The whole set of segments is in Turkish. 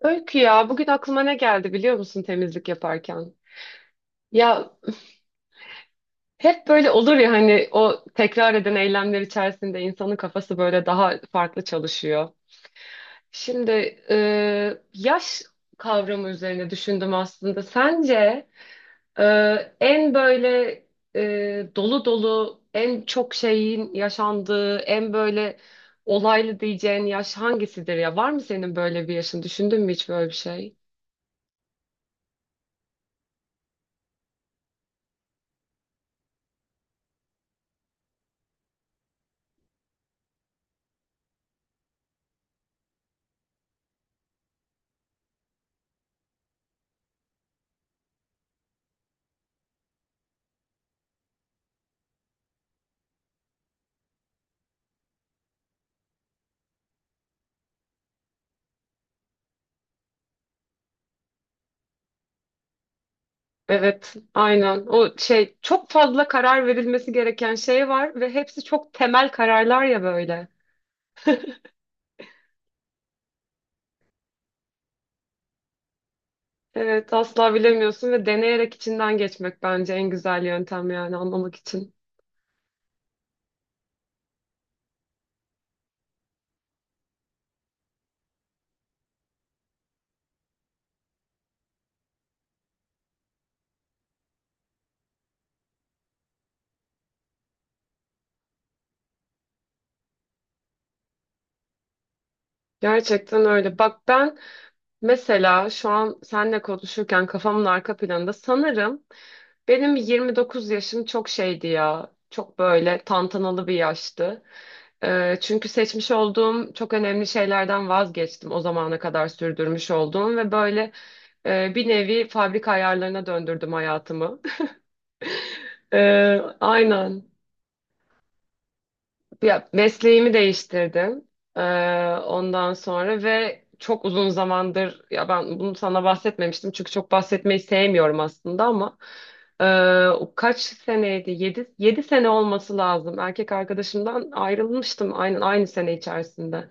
Öykü ya bugün aklıma ne geldi biliyor musun temizlik yaparken? Ya hep böyle olur ya hani o tekrar eden eylemler içerisinde insanın kafası böyle daha farklı çalışıyor. Şimdi e, yaş kavramı üzerine düşündüm aslında. Sence e, en böyle dolu dolu en çok şeyin yaşandığı en böyle olaylı diyeceğin yaş hangisidir ya? Var mı senin böyle bir yaşın? Düşündün mü hiç böyle bir şey? Evet, aynen. O şey çok fazla karar verilmesi gereken şey var ve hepsi çok temel kararlar ya böyle. Evet, asla bilemiyorsun ve deneyerek içinden geçmek bence en güzel yöntem yani anlamak için. Gerçekten öyle. Bak ben mesela şu an seninle konuşurken kafamın arka planında sanırım, benim 29 yaşım çok şeydi ya. Çok böyle tantanalı bir yaştı. Çünkü seçmiş olduğum çok önemli şeylerden vazgeçtim. O zamana kadar sürdürmüş olduğum ve böyle bir nevi fabrika ayarlarına döndürdüm hayatımı. Aynen. Ya mesleğimi değiştirdim. Ee, Ondan sonra ve çok uzun zamandır ya ben bunu sana bahsetmemiştim çünkü çok bahsetmeyi sevmiyorum aslında ama o kaç seneydi? Yedi sene olması lazım. Erkek arkadaşımdan ayrılmıştım aynen aynı sene içerisinde.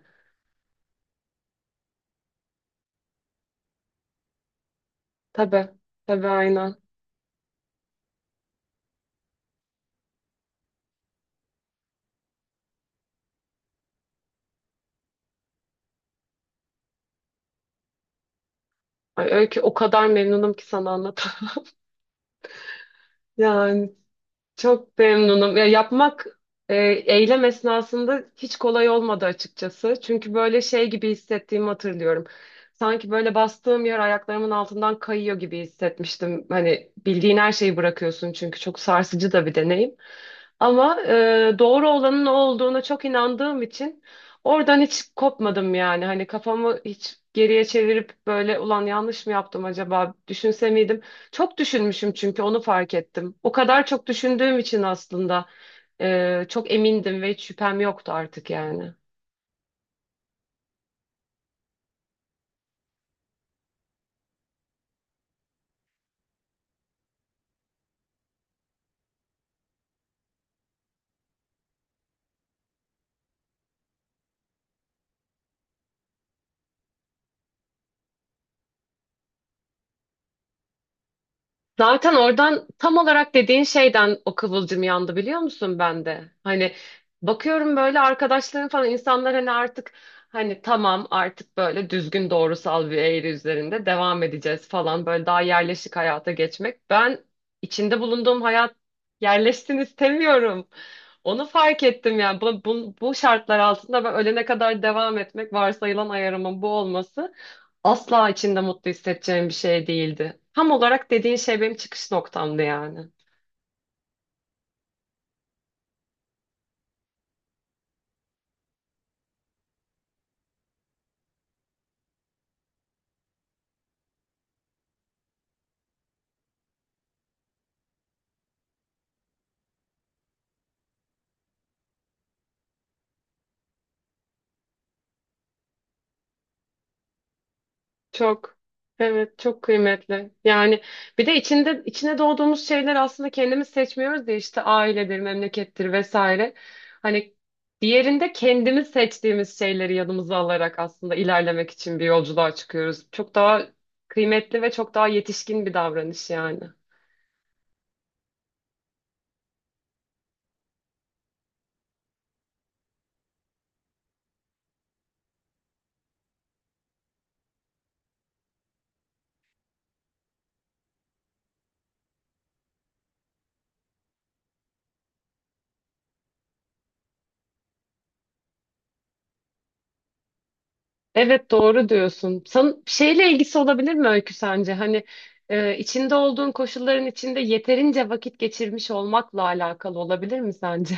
Tabii. Tabii aynen. Ay, öyle ki o kadar memnunum ki sana anlatamam. Yani, çok memnunum. Ya e, eylem esnasında hiç kolay olmadı açıkçası. Çünkü böyle şey gibi hissettiğimi hatırlıyorum. Sanki böyle bastığım yer ayaklarımın altından kayıyor gibi hissetmiştim. Hani bildiğin her şeyi bırakıyorsun çünkü çok sarsıcı da bir deneyim. Ama doğru olanın o olduğuna çok inandığım için oradan hiç kopmadım yani. Hani kafamı hiç geriye çevirip böyle ulan yanlış mı yaptım acaba düşünse miydim? Çok düşünmüşüm çünkü onu fark ettim. O kadar çok düşündüğüm için aslında çok emindim ve hiç şüphem yoktu artık yani. Zaten oradan tam olarak dediğin şeyden o kıvılcım yandı biliyor musun ben de? Hani bakıyorum böyle arkadaşlarım falan insanlar hani artık hani tamam artık böyle düzgün doğrusal bir eğri üzerinde devam edeceğiz falan böyle daha yerleşik hayata geçmek. Ben içinde bulunduğum hayat yerleşsin istemiyorum. Onu fark ettim yani bu şartlar altında ben ölene kadar devam etmek varsayılan ayarımın bu olması. Asla içinde mutlu hissedeceğim bir şey değildi. Tam olarak dediğin şey benim çıkış noktamdı yani. Çok. Evet, çok kıymetli. Yani bir de içinde içine doğduğumuz şeyler aslında kendimiz seçmiyoruz ya işte ailedir, memlekettir vesaire. Hani diğerinde kendimiz seçtiğimiz şeyleri yanımıza alarak aslında ilerlemek için bir yolculuğa çıkıyoruz. Çok daha kıymetli ve çok daha yetişkin bir davranış yani. Evet doğru diyorsun. San şeyle ilgisi olabilir mi Öykü sence? Hani içinde olduğun koşulların içinde yeterince vakit geçirmiş olmakla alakalı olabilir mi sence?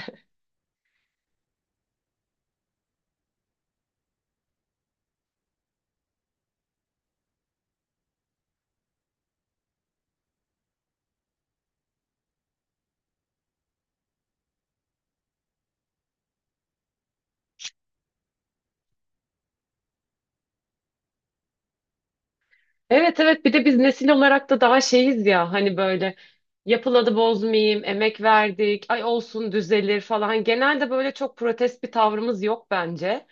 Evet evet bir de biz nesil olarak da daha şeyiz ya hani böyle yapıladı bozmayayım, emek verdik, ay olsun düzelir falan. Genelde böyle çok protest bir tavrımız yok bence.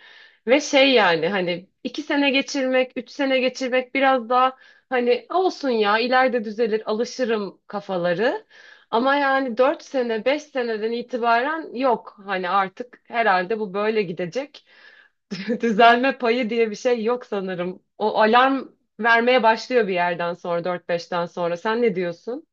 Ve şey yani hani 2 sene geçirmek, 3 sene geçirmek biraz daha hani olsun ya ileride düzelir alışırım kafaları. Ama yani 4 sene, 5 seneden itibaren yok hani artık herhalde bu böyle gidecek. Düzelme payı diye bir şey yok sanırım. O alarm vermeye başlıyor bir yerden sonra, dört beşten sonra. Sen ne diyorsun?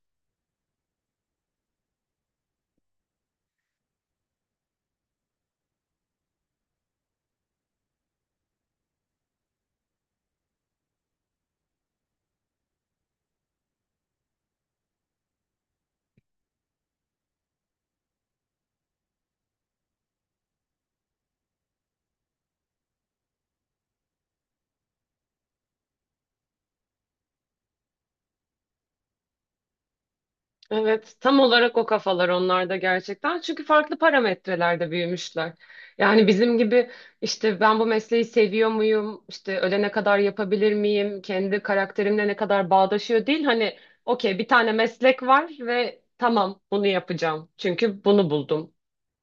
Evet, tam olarak o kafalar onlarda gerçekten. Çünkü farklı parametrelerde büyümüşler. Yani bizim gibi işte ben bu mesleği seviyor muyum? İşte ölene kadar yapabilir miyim? Kendi karakterimle ne kadar bağdaşıyor değil. Hani okey bir tane meslek var ve tamam bunu yapacağım. Çünkü bunu buldum.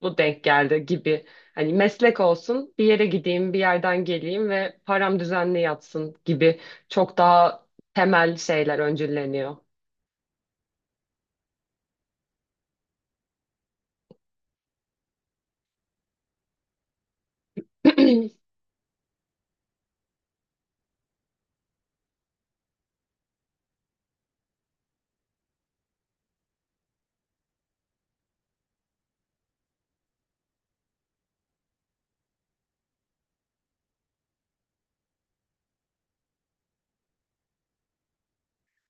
Bu denk geldi gibi. Hani meslek olsun, bir yere gideyim, bir yerden geleyim ve param düzenli yatsın gibi çok daha temel şeyler öncülleniyor.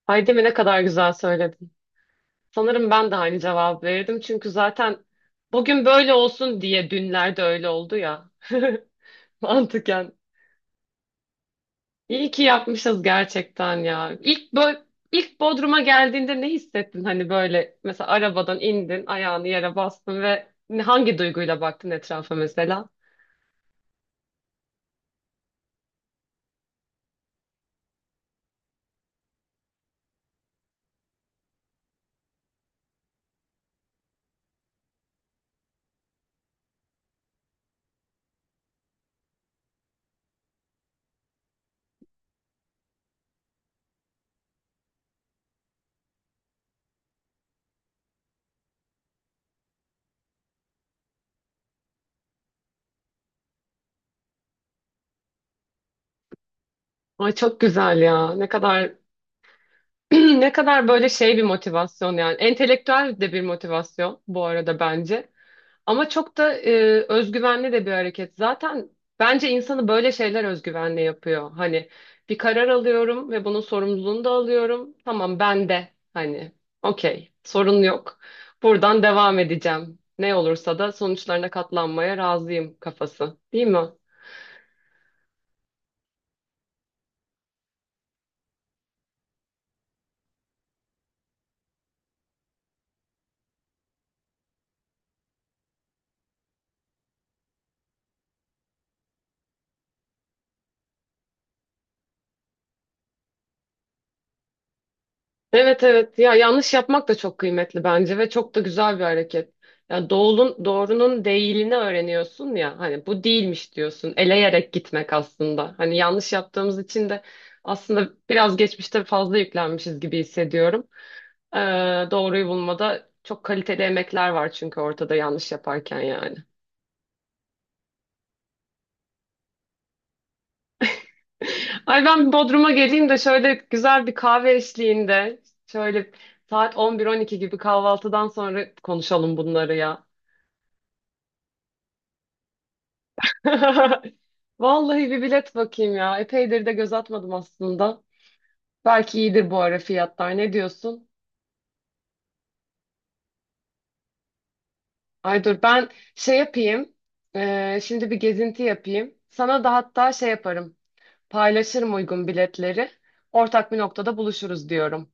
Ay değil mi ne kadar güzel söyledin. Sanırım ben de aynı cevap verirdim. Çünkü zaten bugün böyle olsun diye dünlerde öyle oldu ya. Mantıken. İyi ki yapmışız gerçekten ya. İlk, ilk Bodrum'a geldiğinde ne hissettin? Hani böyle mesela arabadan indin, ayağını yere bastın ve hangi duyguyla baktın etrafa mesela? Ay çok güzel ya. Ne kadar Ne kadar böyle şey bir motivasyon yani. Entelektüel de bir motivasyon bu arada bence. Ama çok da özgüvenli de bir hareket. Zaten bence insanı böyle şeyler özgüvenli yapıyor. Hani bir karar alıyorum ve bunun sorumluluğunu da alıyorum. Tamam ben de hani okey sorun yok. Buradan devam edeceğim. Ne olursa da sonuçlarına katlanmaya razıyım kafası. Değil mi? Evet evet ya yanlış yapmak da çok kıymetli bence ve çok da güzel bir hareket. Ya doğulun, doğrunun değilini öğreniyorsun ya hani bu değilmiş diyorsun eleyerek gitmek aslında. Hani yanlış yaptığımız için de aslında biraz geçmişte fazla yüklenmişiz gibi hissediyorum. Ee, Doğruyu bulmada çok kaliteli emekler var çünkü ortada yanlış yaparken yani. Ay ben Bodrum'a geleyim de şöyle güzel bir kahve eşliğinde şöyle saat 11-12 gibi kahvaltıdan sonra konuşalım bunları ya. Vallahi bir bilet bakayım ya. Epeydir de göz atmadım aslında. Belki iyidir bu ara fiyatlar. Ne diyorsun? Ay dur ben şey yapayım. Şimdi bir gezinti yapayım. Sana da hatta şey yaparım. Paylaşırım uygun biletleri. Ortak bir noktada buluşuruz diyorum.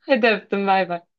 Hadi öptüm bay bay.